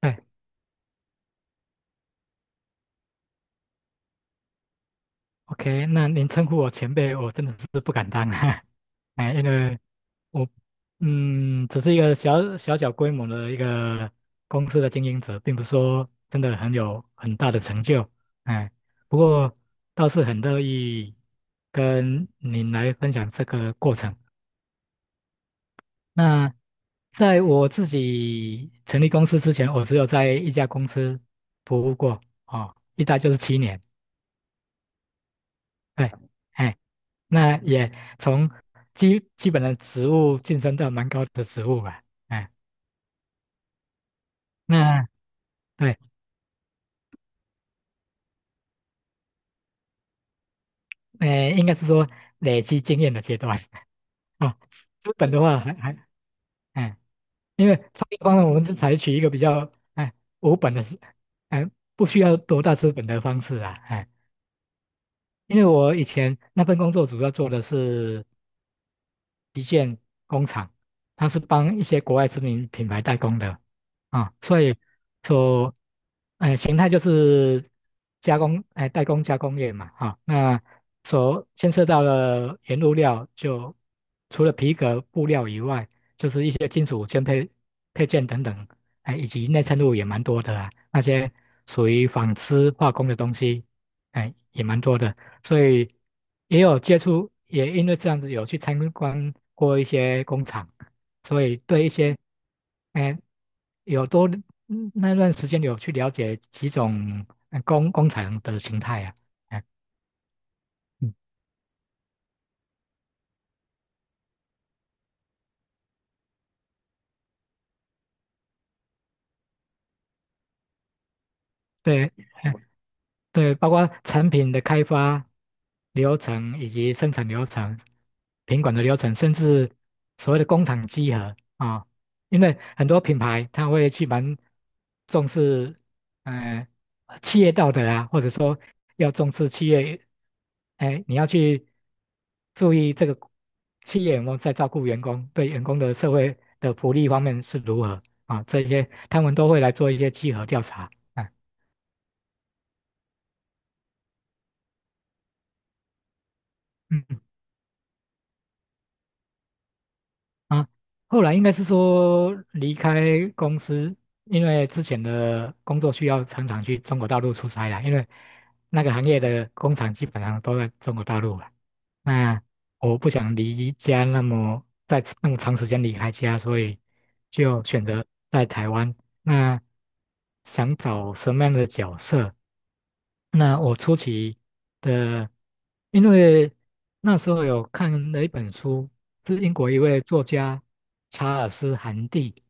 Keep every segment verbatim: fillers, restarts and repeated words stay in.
哎，OK，那您称呼我前辈，我真的是不敢当啊，哎，因为我，嗯，只是一个小小小规模的一个公司的经营者，并不是说真的很有很大的成就，哎，不过倒是很乐意跟您来分享这个过程。那在我自己成立公司之前，我只有在一家公司服务过，哦，一待就是七年，对，哎。那也从基基本的职务晋升到蛮高的职务吧，哎，那对，呃，应该是说累积经验的阶段。 哦。资本的话还还，哎，因为创业方面我们是采取一个比较哎无本的，哎不需要多大资本的方式啊，哎，因为我以前那份工作主要做的是旗舰工厂，它是帮一些国外知名品牌代工的啊，所以说，呃，形态就是加工，哎、代工加工业嘛，哈、那所牵涉到了原物料就除了皮革、布料以外，就是一些金属件配配件等等，哎、以及内衬物也蛮多的啊，那些属于纺织化工的东西，哎、也蛮多的，所以。也有接触，也因为这样子有去参观过一些工厂，所以对一些，哎，有多嗯那段时间有去了解几种呃工工厂的形态啊，哎嗯，对，对，包括产品的开发流程以及生产流程、品管的流程，甚至所谓的工厂稽核啊、因为很多品牌他会去蛮重视，嗯、企业道德啊，或者说要重视企业，哎，你要去注意这个企业我们在照顾员工，对员工的社会的福利方面是如何啊、这些他们都会来做一些稽核调查。哎嗯啊，后来应该是说离开公司，因为之前的工作需要常常去中国大陆出差啦，因为那个行业的工厂基本上都在中国大陆了。那我不想离家那么在那么长时间离开家，所以就选择在台湾。那想找什么样的角色？那我初期的，因为那时候有看了一本书，是英国一位作家查尔斯·韩蒂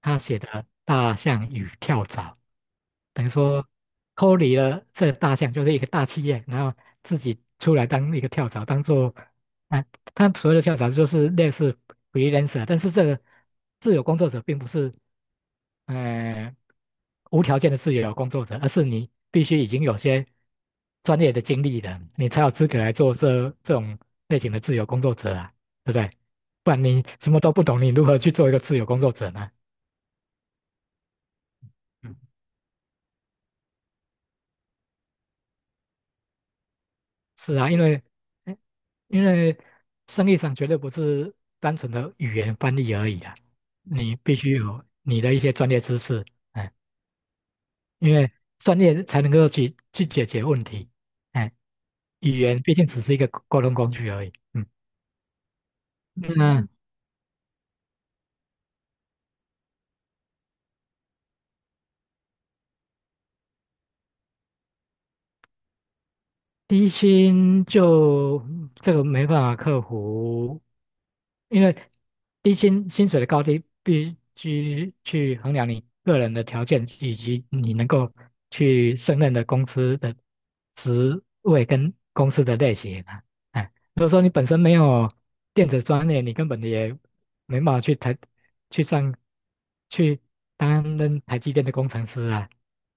他写的《大象与跳蚤》，等于说脱离了这大象就是一个大企业，然后自己出来当一个跳蚤，当做啊，他所谓的跳蚤就是类似 freelancer，但是这个自由工作者并不是。呃无条件的自由工作者，而是你必须已经有些专业的经历了，你才有资格来做这这种类型的自由工作者啊，对不对？不然你什么都不懂，你如何去做一个自由工作者呢？嗯，是啊，因为哎因为生意上绝对不是单纯的语言翻译而已啊，你必须有你的一些专业知识，哎，因为专业才能够去去解决问题，哎。语言毕竟只是一个沟通工具而已。嗯，那嗯低薪就这个没办法克服，因为低薪薪水的高低必须去衡量你个人的条件以及你能够去胜任的公司的职位跟公司的类型啊。哎，如果说你本身没有电子专业，你根本也没办法去台去上去担任台积电的工程师啊，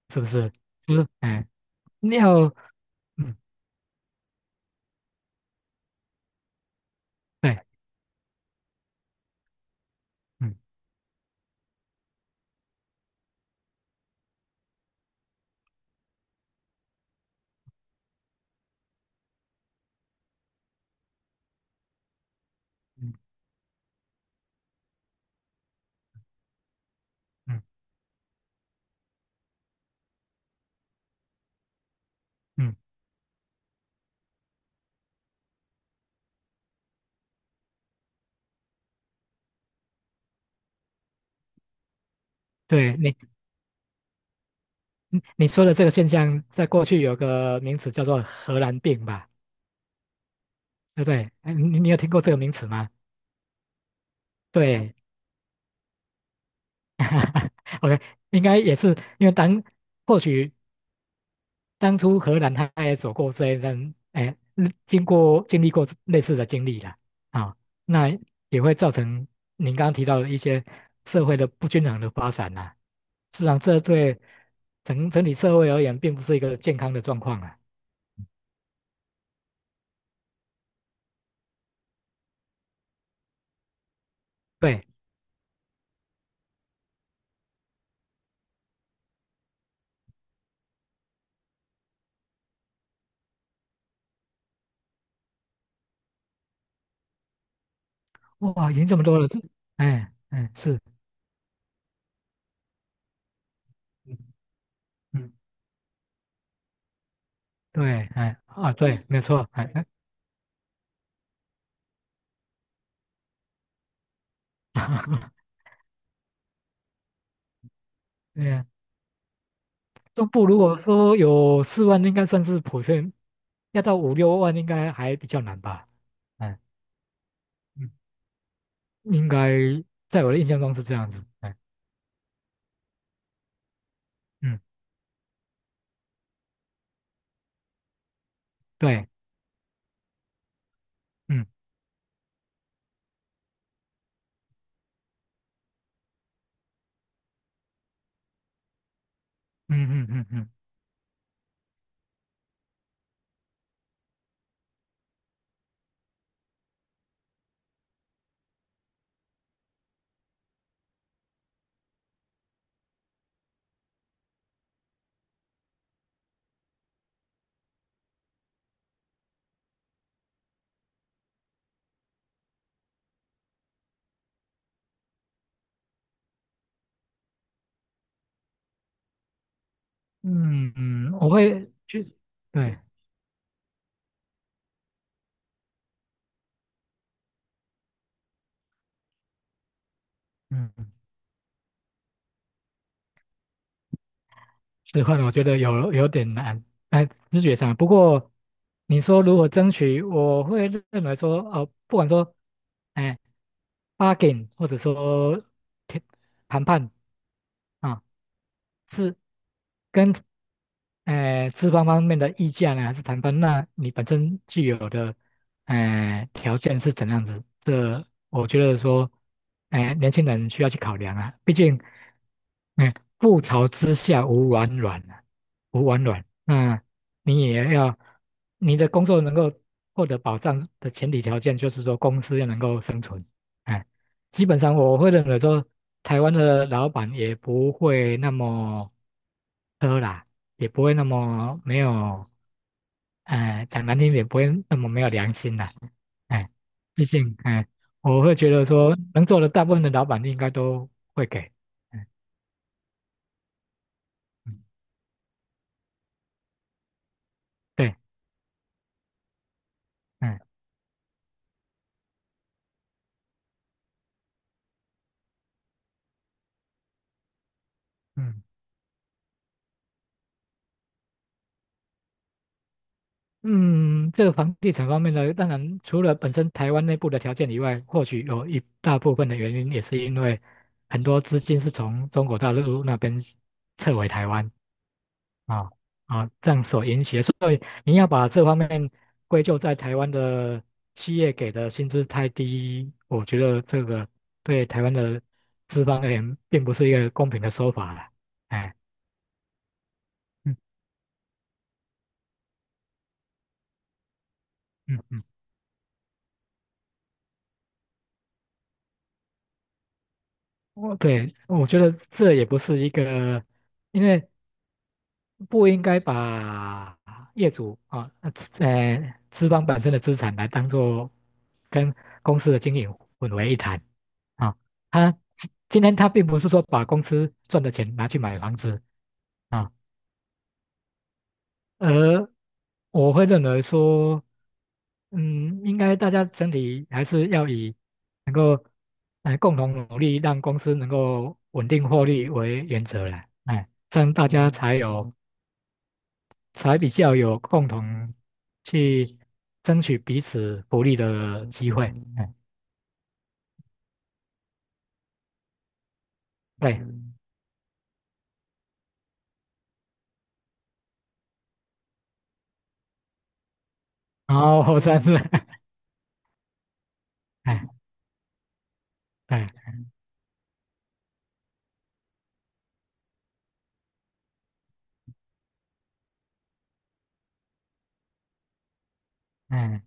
是不是？就是哎，你要嗯对嗯嗯嗯嗯，嗯对，你嗯，你说的这个现象，在过去有个名词叫做"荷兰病"吧，对不对？哎，你你有听过这个名词吗？对 ，OK，应该也是因为当或许当初荷兰他也走过这一段，哎，嗯经过经历过类似的经历了，啊、那也会造成您刚刚提到的一些社会的不均衡的发展呐、事实际上，这对整整体社会而言，并不是一个健康的状况啊。对。哇，赢这么多了，这，哎，哎，是，嗯，嗯对，哎，啊，对，没错，哎，哎 对呀中部如果说有四万，应该算是普遍，要到五六万应该还比较难吧，哎，嗯，应该在我的印象中是这样子，哎，嗯，对，嗯，嗯嗯嗯嗯嗯，嗯，我会去，对，嗯。置换我觉得有有点难，哎，直觉上。不过你说如何争取，我会认为说，呃，不管说，哎，bargain 或者说谈谈判啊，是跟哎，资方方面的意见呢，还是谈判？那你本身具有的，哎，条件是怎样子？这我觉得说，哎，年轻人需要去考量啊。毕竟，嗯，覆巢之下无完卵啊，无完卵。那你也要，你的工作能够获得保障的前提条件，就是说公司要能够生存。哎，基本上我会认为说，台湾的老板也不会那么。苛啦。也不会那么没有，哎、讲难听点，不会那么没有良心的、哎，毕竟，哎，我会觉得说，能做的大部分的老板应该都会给，嗯嗯，对，嗯嗯嗯，这个房地产方面呢，当然除了本身台湾内部的条件以外，或许有一大部分的原因也是因为很多资金是从中国大陆那边撤回台湾，啊啊，这样所引起的，所以你要把这方面归咎在台湾的企业给的薪资太低，我觉得这个对台湾的资方而言，并不是一个公平的说法了。哎，嗯嗯嗯，我对，我觉得这也不是一个，因为不应该把业主啊，呃，资呃资方本身的资产来当做跟公司的经营混为一谈啊。他今今天他并不是说把公司赚的钱拿去买房子啊，而我会认为说，嗯，应该大家整体还是要以能够呃共同努力让公司能够稳定获利为原则来，哎，这样大家才有。才比较有共同去争取彼此福利的机会。哎，对，然后真是，哎，对，嗯，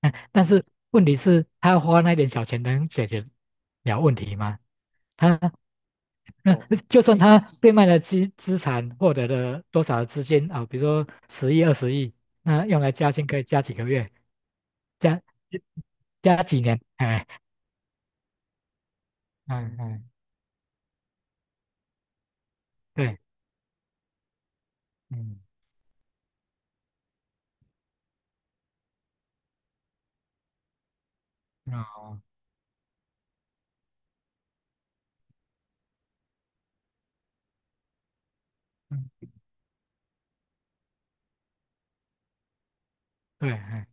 嗯但是问题是，他花那点小钱能解决了问题吗？他那哦 就算他变卖了资资产，获得了多少的资金啊？比如说十亿、二十亿，那用来加薪可以加几个月，加加几年？哎，嗯嗯，对，嗯，哦，嗯，对，哎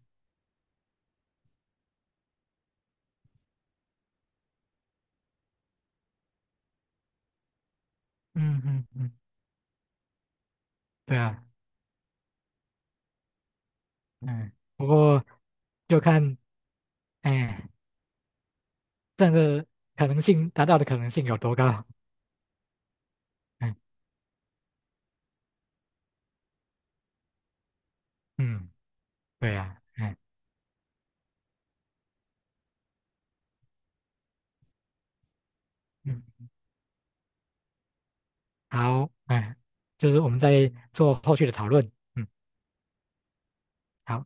嗯嗯嗯。对啊，嗯，不过就看，哎，这样的可能性达到的可能性有多高？嗯嗯，对呀，哎嗯，好，哎，就是我们再做后续的讨论。嗯，好。